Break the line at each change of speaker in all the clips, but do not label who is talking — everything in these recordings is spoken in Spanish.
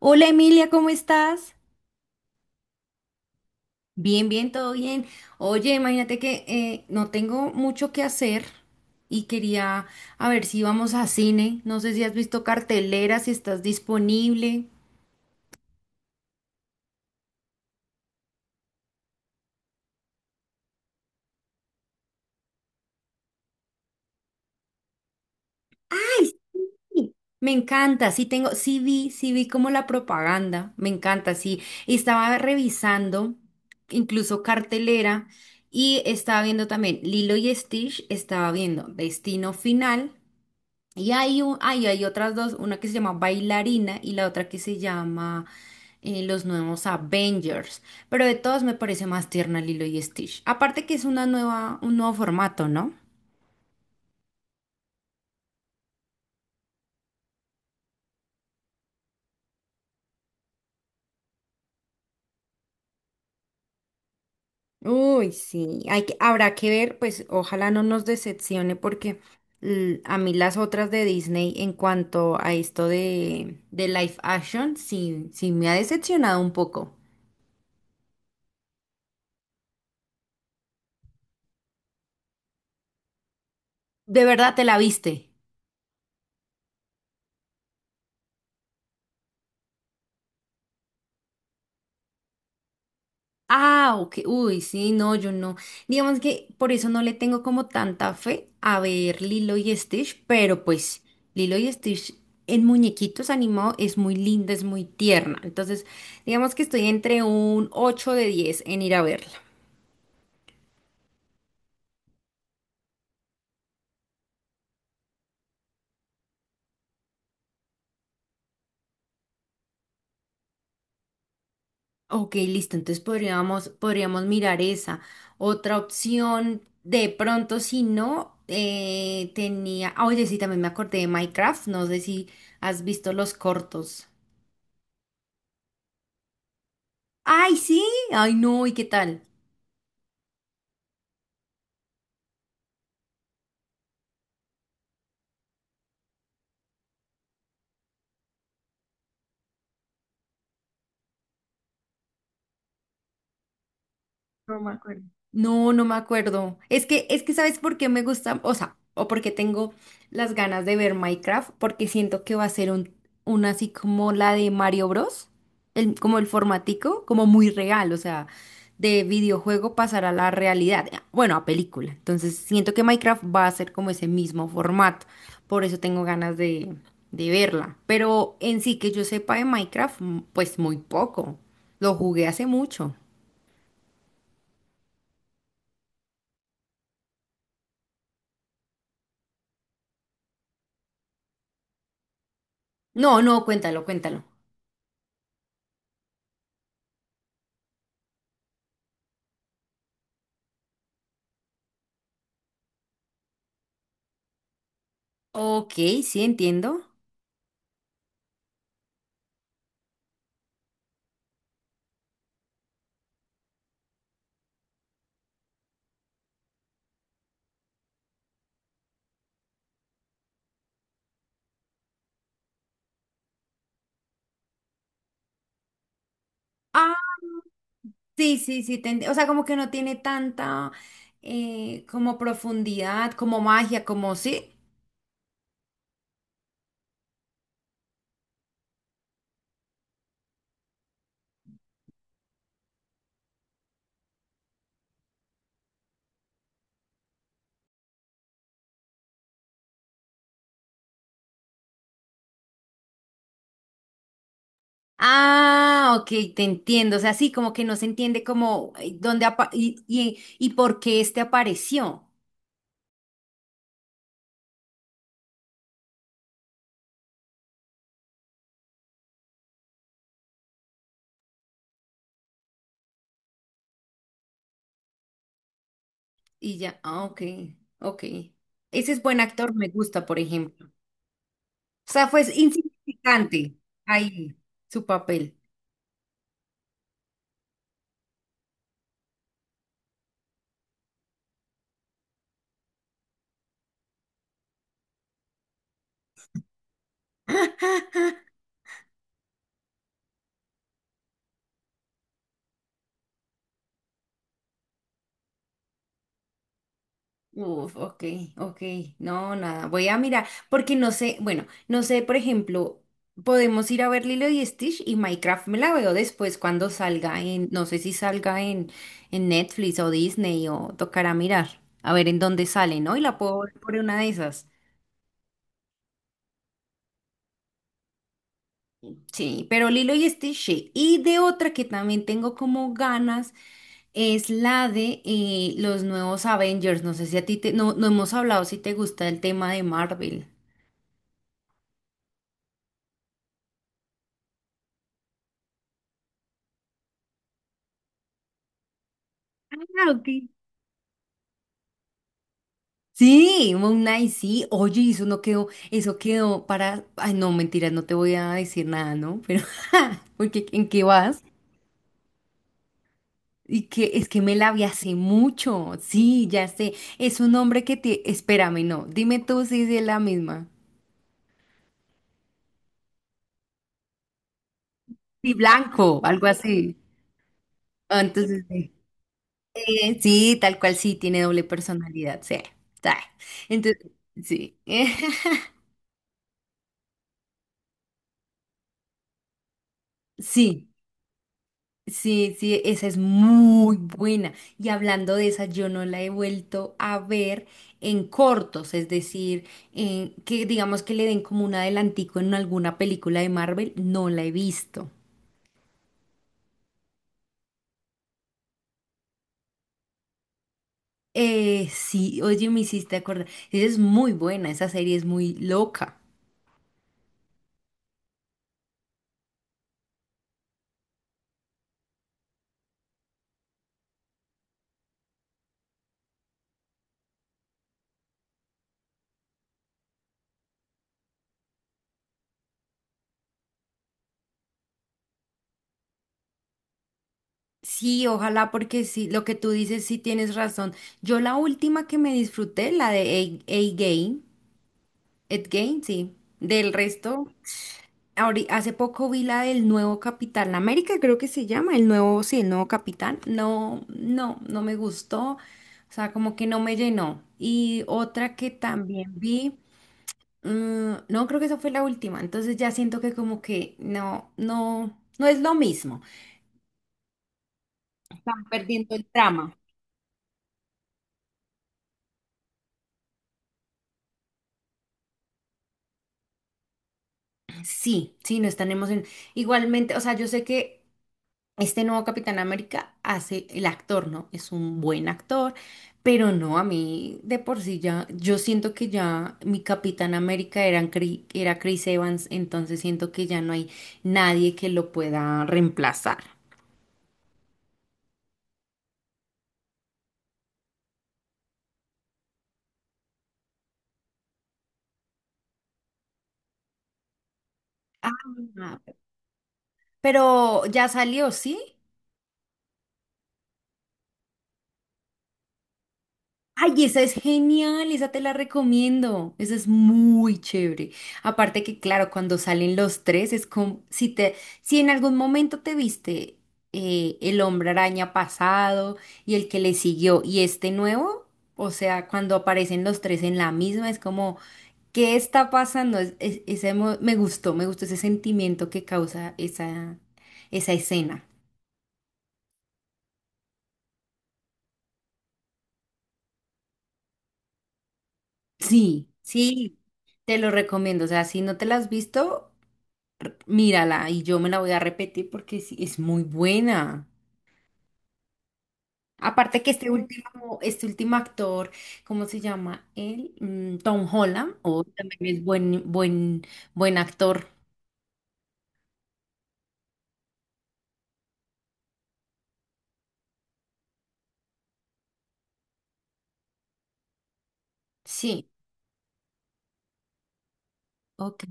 Hola Emilia, ¿cómo estás? Bien, bien, todo bien. Oye, imagínate que no tengo mucho que hacer y quería a ver si vamos a cine. No sé si has visto cartelera, si estás disponible. Sí. Me encanta, sí tengo, sí vi como la propaganda, me encanta, sí. Y estaba revisando incluso cartelera y estaba viendo también Lilo y Stitch, estaba viendo Destino Final. Y hay otras dos, una que se llama Bailarina y la otra que se llama Los Nuevos Avengers. Pero de todas me parece más tierna Lilo y Stitch. Aparte que es una nueva, un nuevo formato, ¿no? Uy, sí, habrá que ver, pues ojalá no nos decepcione, porque a mí las otras de Disney en cuanto a esto de live action, sí, sí me ha decepcionado un poco. ¿De verdad te la viste? Ah, ok. Uy, sí, no, yo no. Digamos que por eso no le tengo como tanta fe a ver Lilo y Stitch, pero pues Lilo y Stitch en muñequitos animado es muy linda, es muy tierna. Entonces, digamos que estoy entre un 8 de 10 en ir a verla. Ok, listo. Entonces podríamos mirar esa. Otra opción, de pronto, si no, tenía. Ah, oye, sí, también me acordé de Minecraft. No sé si has visto los cortos. Ay, sí, ay, no, ¿y qué tal? No me acuerdo. No, no me acuerdo. Es que, ¿sabes por qué me gusta? O sea, o porque tengo las ganas de ver Minecraft, porque siento que va a ser una así como la de Mario Bros. Como el formatico, como muy real, o sea, de videojuego pasar a la realidad, bueno, a película. Entonces, siento que Minecraft va a ser como ese mismo formato, por eso tengo ganas de verla. Pero en sí que yo sepa de Minecraft, pues muy poco. Lo jugué hace mucho. No, no, cuéntalo, cuéntalo. Ok, sí, entiendo. Ah, sí, sí, sí, o sea, como que no tiene tanta como profundidad, como magia, como sí. Ah, ok, te entiendo. O sea, sí, como que no se entiende como y por qué este apareció. Y ya, ah, ok, ok. Ese es buen actor, me gusta, por ejemplo. O sea, fue insignificante ahí su papel. Uf, ok, ok, no, nada, voy a mirar, porque no sé, bueno, no sé, por ejemplo, podemos ir a ver Lilo y Stitch y Minecraft me la veo después cuando salga en, no sé si salga en Netflix o Disney, o tocará mirar, a ver en dónde sale, ¿no? Y la puedo ver por una de esas. Sí, pero Lilo y Stitch, sí. Y de otra que también tengo como ganas es la de los nuevos Avengers. No sé si a ti te, no, no hemos hablado si te gusta el tema de Marvel. Ah, ok. Sí, Moon Knight, sí. Oye, y eso no quedó, eso quedó para. Ay, no, mentira, no te voy a decir nada, ¿no? Pero, porque ¿en qué vas? Y que es que me la vi hace mucho. Sí, ya sé. Es un hombre que te. Espérame, no. Dime tú si es la misma. Sí, blanco, algo así. Ah, entonces, sí, sí, tal cual, sí, tiene doble personalidad. Sí, sí. Entonces, sí. Sí. Sí, sí, esa es muy buena. Y hablando de esa, yo no la he vuelto a ver en cortos, es decir, que digamos que le den como un adelantico en alguna película de Marvel, no la he visto. Sí, oye, me hiciste acordar. Esa es muy buena, esa serie es muy loca. Sí, ojalá, porque sí, lo que tú dices sí, tienes razón. Yo la última que me disfruté, la de A Game, Ed Game, sí. Del resto. Hace poco vi la del nuevo Capitán América, creo que se llama, el nuevo, sí, el nuevo Capitán. No, no, no me gustó. O sea, como que no me llenó. Y otra que también vi, mm, no, creo que esa fue la última. Entonces ya siento que como que no, no, no es lo mismo. Están perdiendo el trama. Sí, sí, no están emocionados. Igualmente, o sea, yo sé que este nuevo Capitán América hace, el actor, ¿no? Es un buen actor, pero no, a mí de por sí ya, yo siento que ya mi Capitán América era, era Chris Evans, entonces siento que ya no hay nadie que lo pueda reemplazar. Ah, pero ya salió, ¿sí? Ay, esa es genial, esa te la recomiendo. Esa es muy chévere. Aparte que, claro, cuando salen los tres, es como si en algún momento te viste el hombre araña pasado, y el que le siguió, y este nuevo, o sea, cuando aparecen los tres en la misma, es como, ¿qué está pasando? Es- ese mo- me gustó ese sentimiento que causa esa escena. Sí, sí, te lo recomiendo. O sea, si no te la has visto. Mírala, y yo me la voy a repetir porque sí, es muy buena. Aparte que este último actor, ¿cómo se llama él? Tom Holland, o también es buen actor. Sí, ok.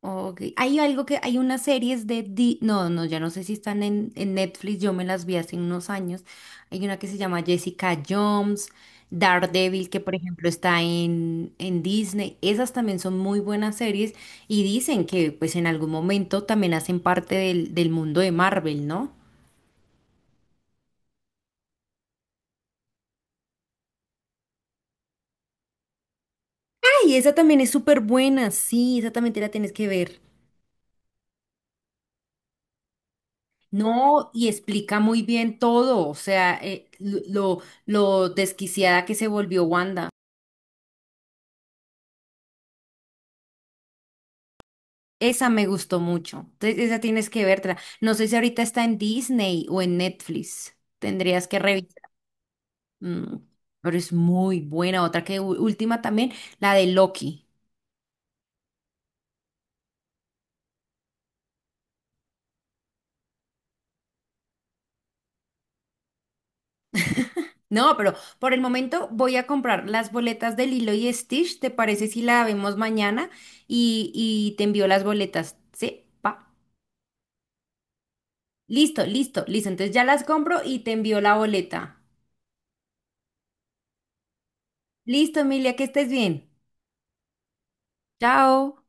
Ok. Hay algo que, hay unas series de, no, no, ya no sé si están en, Netflix, yo me las vi hace unos años. Hay una que se llama Jessica Jones, Daredevil, que por ejemplo está en Disney. Esas también son muy buenas series y dicen que pues en algún momento también hacen parte del mundo de Marvel, ¿no? Ay, esa también es súper buena, sí, esa también te la tienes que ver. No, y explica muy bien todo, o sea, lo desquiciada que se volvió Wanda. Esa me gustó mucho. Entonces, esa tienes que verla. No sé si ahorita está en Disney o en Netflix. Tendrías que revisar. Mm, pero es muy buena. Otra que última también, la de Loki. No, pero por el momento voy a comprar las boletas de Lilo y Stitch. ¿Te parece si la vemos mañana? Y te envío las boletas. Sí, pa. Listo, listo, listo. Entonces ya las compro y te envío la boleta. Listo, Emilia, que estés bien. Chao.